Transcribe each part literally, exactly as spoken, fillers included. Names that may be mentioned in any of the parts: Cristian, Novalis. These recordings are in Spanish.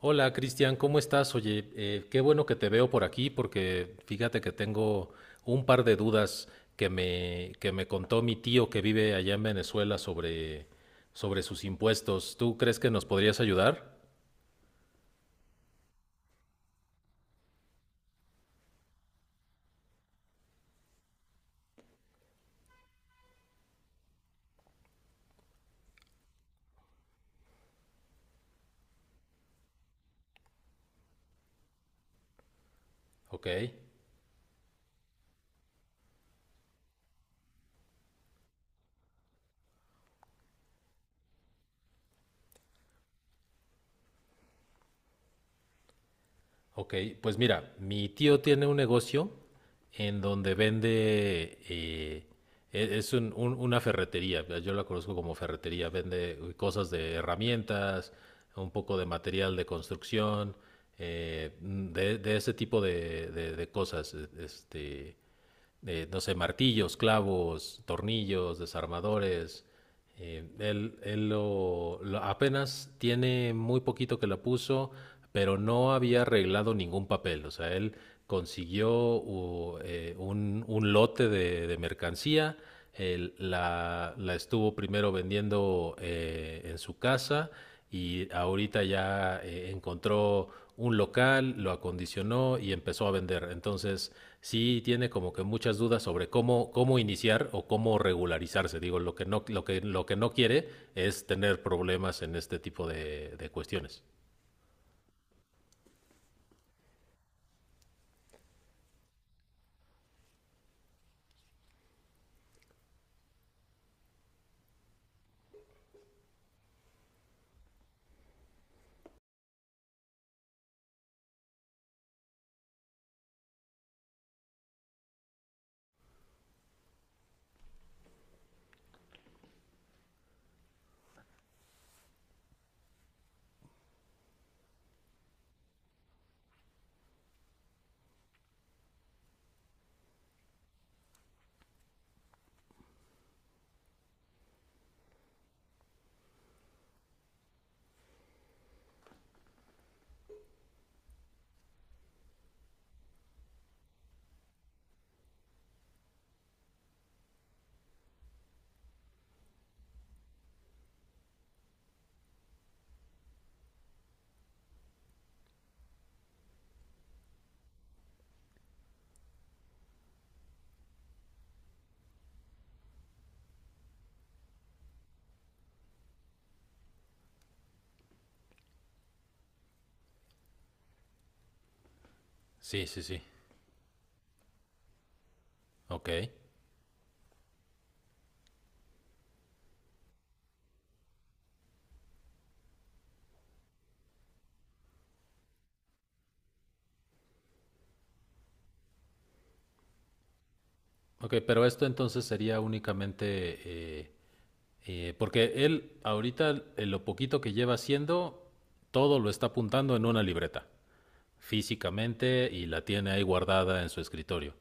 Hola Cristian, ¿cómo estás? Oye, eh, qué bueno que te veo por aquí porque fíjate que tengo un par de dudas que me, que me contó mi tío que vive allá en Venezuela sobre, sobre sus impuestos. ¿Tú crees que nos podrías ayudar? Ok. Ok, pues mira, mi tío tiene un negocio en donde vende, eh, e- es un- un- una ferretería, eh, yo la conozco como ferretería, vende cosas de herramientas, un poco de material de construcción, eh, de, de ese tipo de, de- de cosas. Este, de, no sé, martillos, clavos, tornillos, desarmadores. Eh, él él lo, lo- apenas tiene muy poquito que la puso, pero no había arreglado ningún papel. O sea, él consiguió u- eh, un, un lote de, de mercancía. Él la, la estuvo primero vendiendo eh, en su casa y ahorita ya eh, encontró un local, lo acondicionó y empezó a vender. Entonces, sí tiene como que muchas dudas sobre cómo, cómo iniciar o cómo regularizarse. Digo, lo que no, lo que, lo que no quiere es tener problemas en este tipo de, de cuestiones. Sí, sí, sí. Ok. Ok, pero esto entonces sería únicamente eh, eh, porque él ahorita, en lo poquito que lleva haciendo, todo lo está apuntando en una libreta físicamente, y la tiene ahí guardada en su escritorio.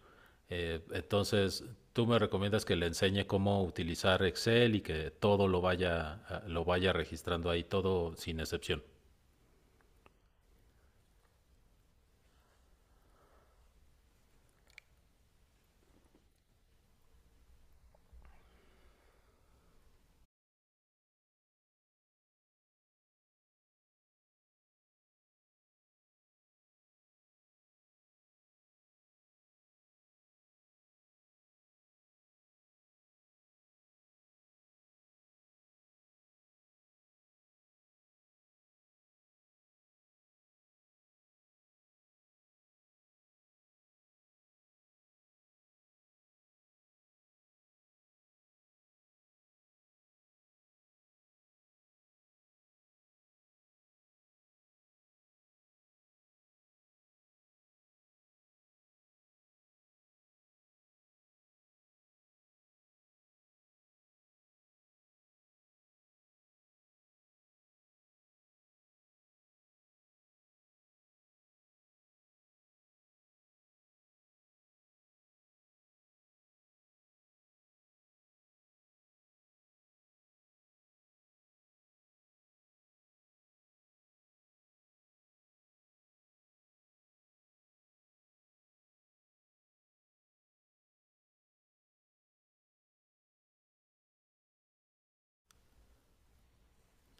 Eh, entonces, tú me recomiendas que le enseñe cómo utilizar Excel y que todo lo vaya, ah, lo vaya registrando ahí, todo sin excepción.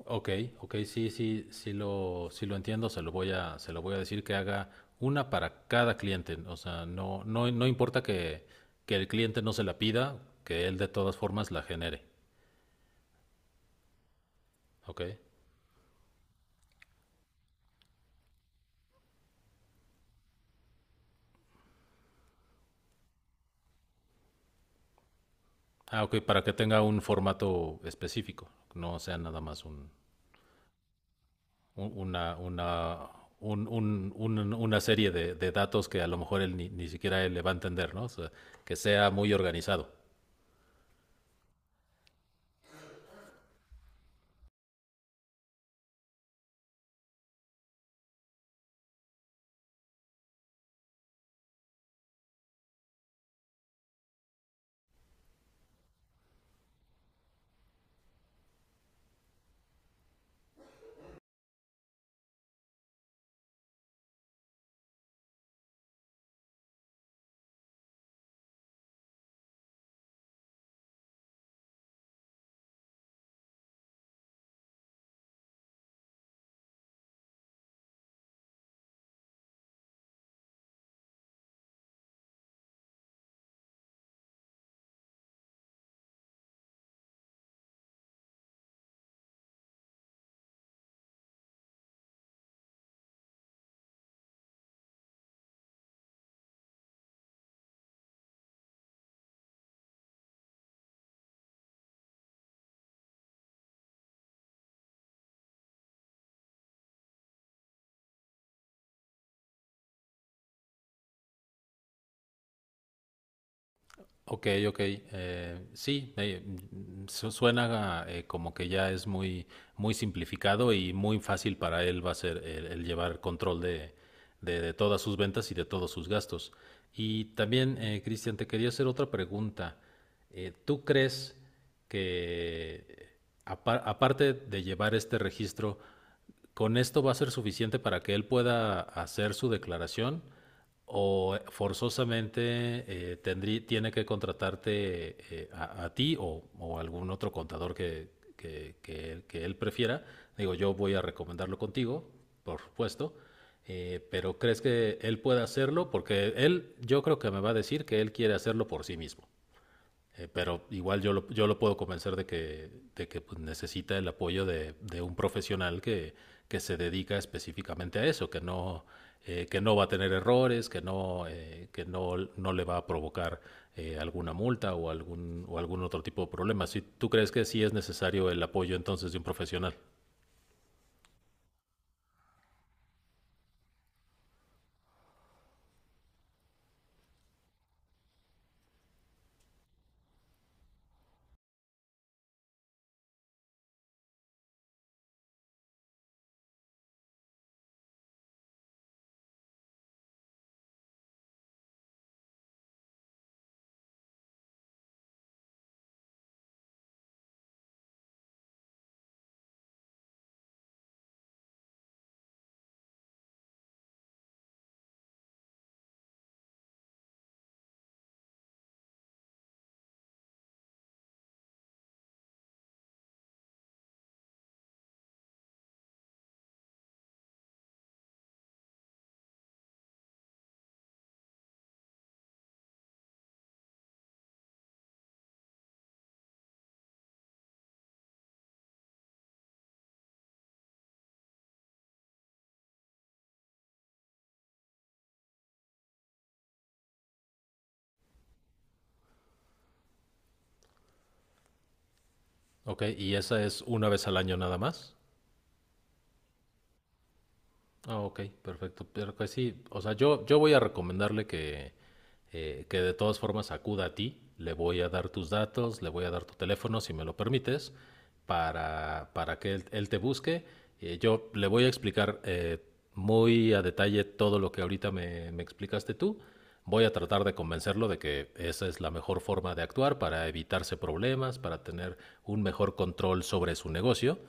Ok, ok, sí, sí, sí lo, sí lo entiendo, se lo voy a, se lo voy a decir que haga una para cada cliente. O sea, no, no, no importa que, que el cliente no se la pida, que él de todas formas la genere. Ok. Ah, ok, para que tenga un formato específico, no sea nada más un, una, una, un- un- un- una serie de, de datos que a lo mejor él ni, ni siquiera él le va a entender, ¿no? O sea, que sea muy organizado. Ok, ok. Eh, sí, eh, mm, su- suena eh, como que ya es muy, muy simplificado, y muy fácil para él va a ser el, el llevar control de, de- de todas sus ventas y de todos sus gastos. Y también, eh, Cristian, te quería hacer otra pregunta. Eh, ¿tú crees que, eh, apar- aparte de llevar este registro, con esto va a ser suficiente para que él pueda hacer su declaración? ¿O forzosamente eh, tendrí- tiene que contratarte eh, a, a ti o, o algún otro contador que, que- que- que él prefiera? Digo, yo voy a recomendarlo contigo, por supuesto, eh, pero ¿crees que él pueda hacerlo? Porque él, yo creo que me va a decir que él quiere hacerlo por sí mismo. Eh, pero igual yo lo, yo lo puedo convencer de que, de que, pues, necesita el apoyo de, de un profesional que, que se dedica específicamente a eso, que no, eh, que no va a tener errores, que no, eh, que no, no le va a provocar eh, alguna multa o algún, o algún otro tipo de problema. Si tú crees que sí es necesario el apoyo entonces de un profesional, ¿ok? Y esa es una vez al año nada más. Ah, ok, perfecto. Pero que sí, o sea, yo, yo voy a recomendarle que, eh, que de todas formas acuda a ti. Le voy a dar tus datos, le voy a dar tu teléfono, si me lo permites, para, para que él, él te busque. Eh, yo le voy a explicar eh, muy a detalle todo lo que ahorita me, me explicaste tú. Voy a tratar de convencerlo de que esa es la mejor forma de actuar para evitarse problemas, para tener un mejor control sobre su negocio.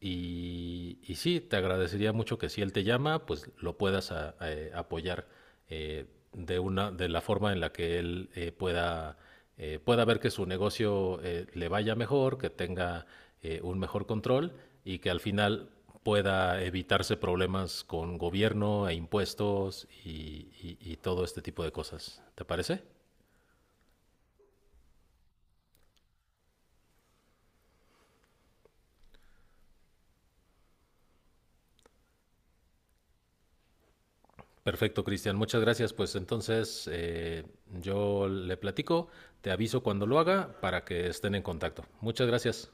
Y, y sí, te agradecería mucho que si él te llama, pues lo puedas a- a- apoyar eh, de, una, de la forma en la que él eh, pueda, eh, pueda ver que su negocio eh, le vaya mejor, que tenga eh, un mejor control y que al final pueda evitarse problemas con gobierno e impuestos y, y- y todo este tipo de cosas. ¿Te parece? Perfecto, Cristian. Muchas gracias. Pues entonces eh, yo le platico, te aviso cuando lo haga para que estén en contacto. Muchas gracias.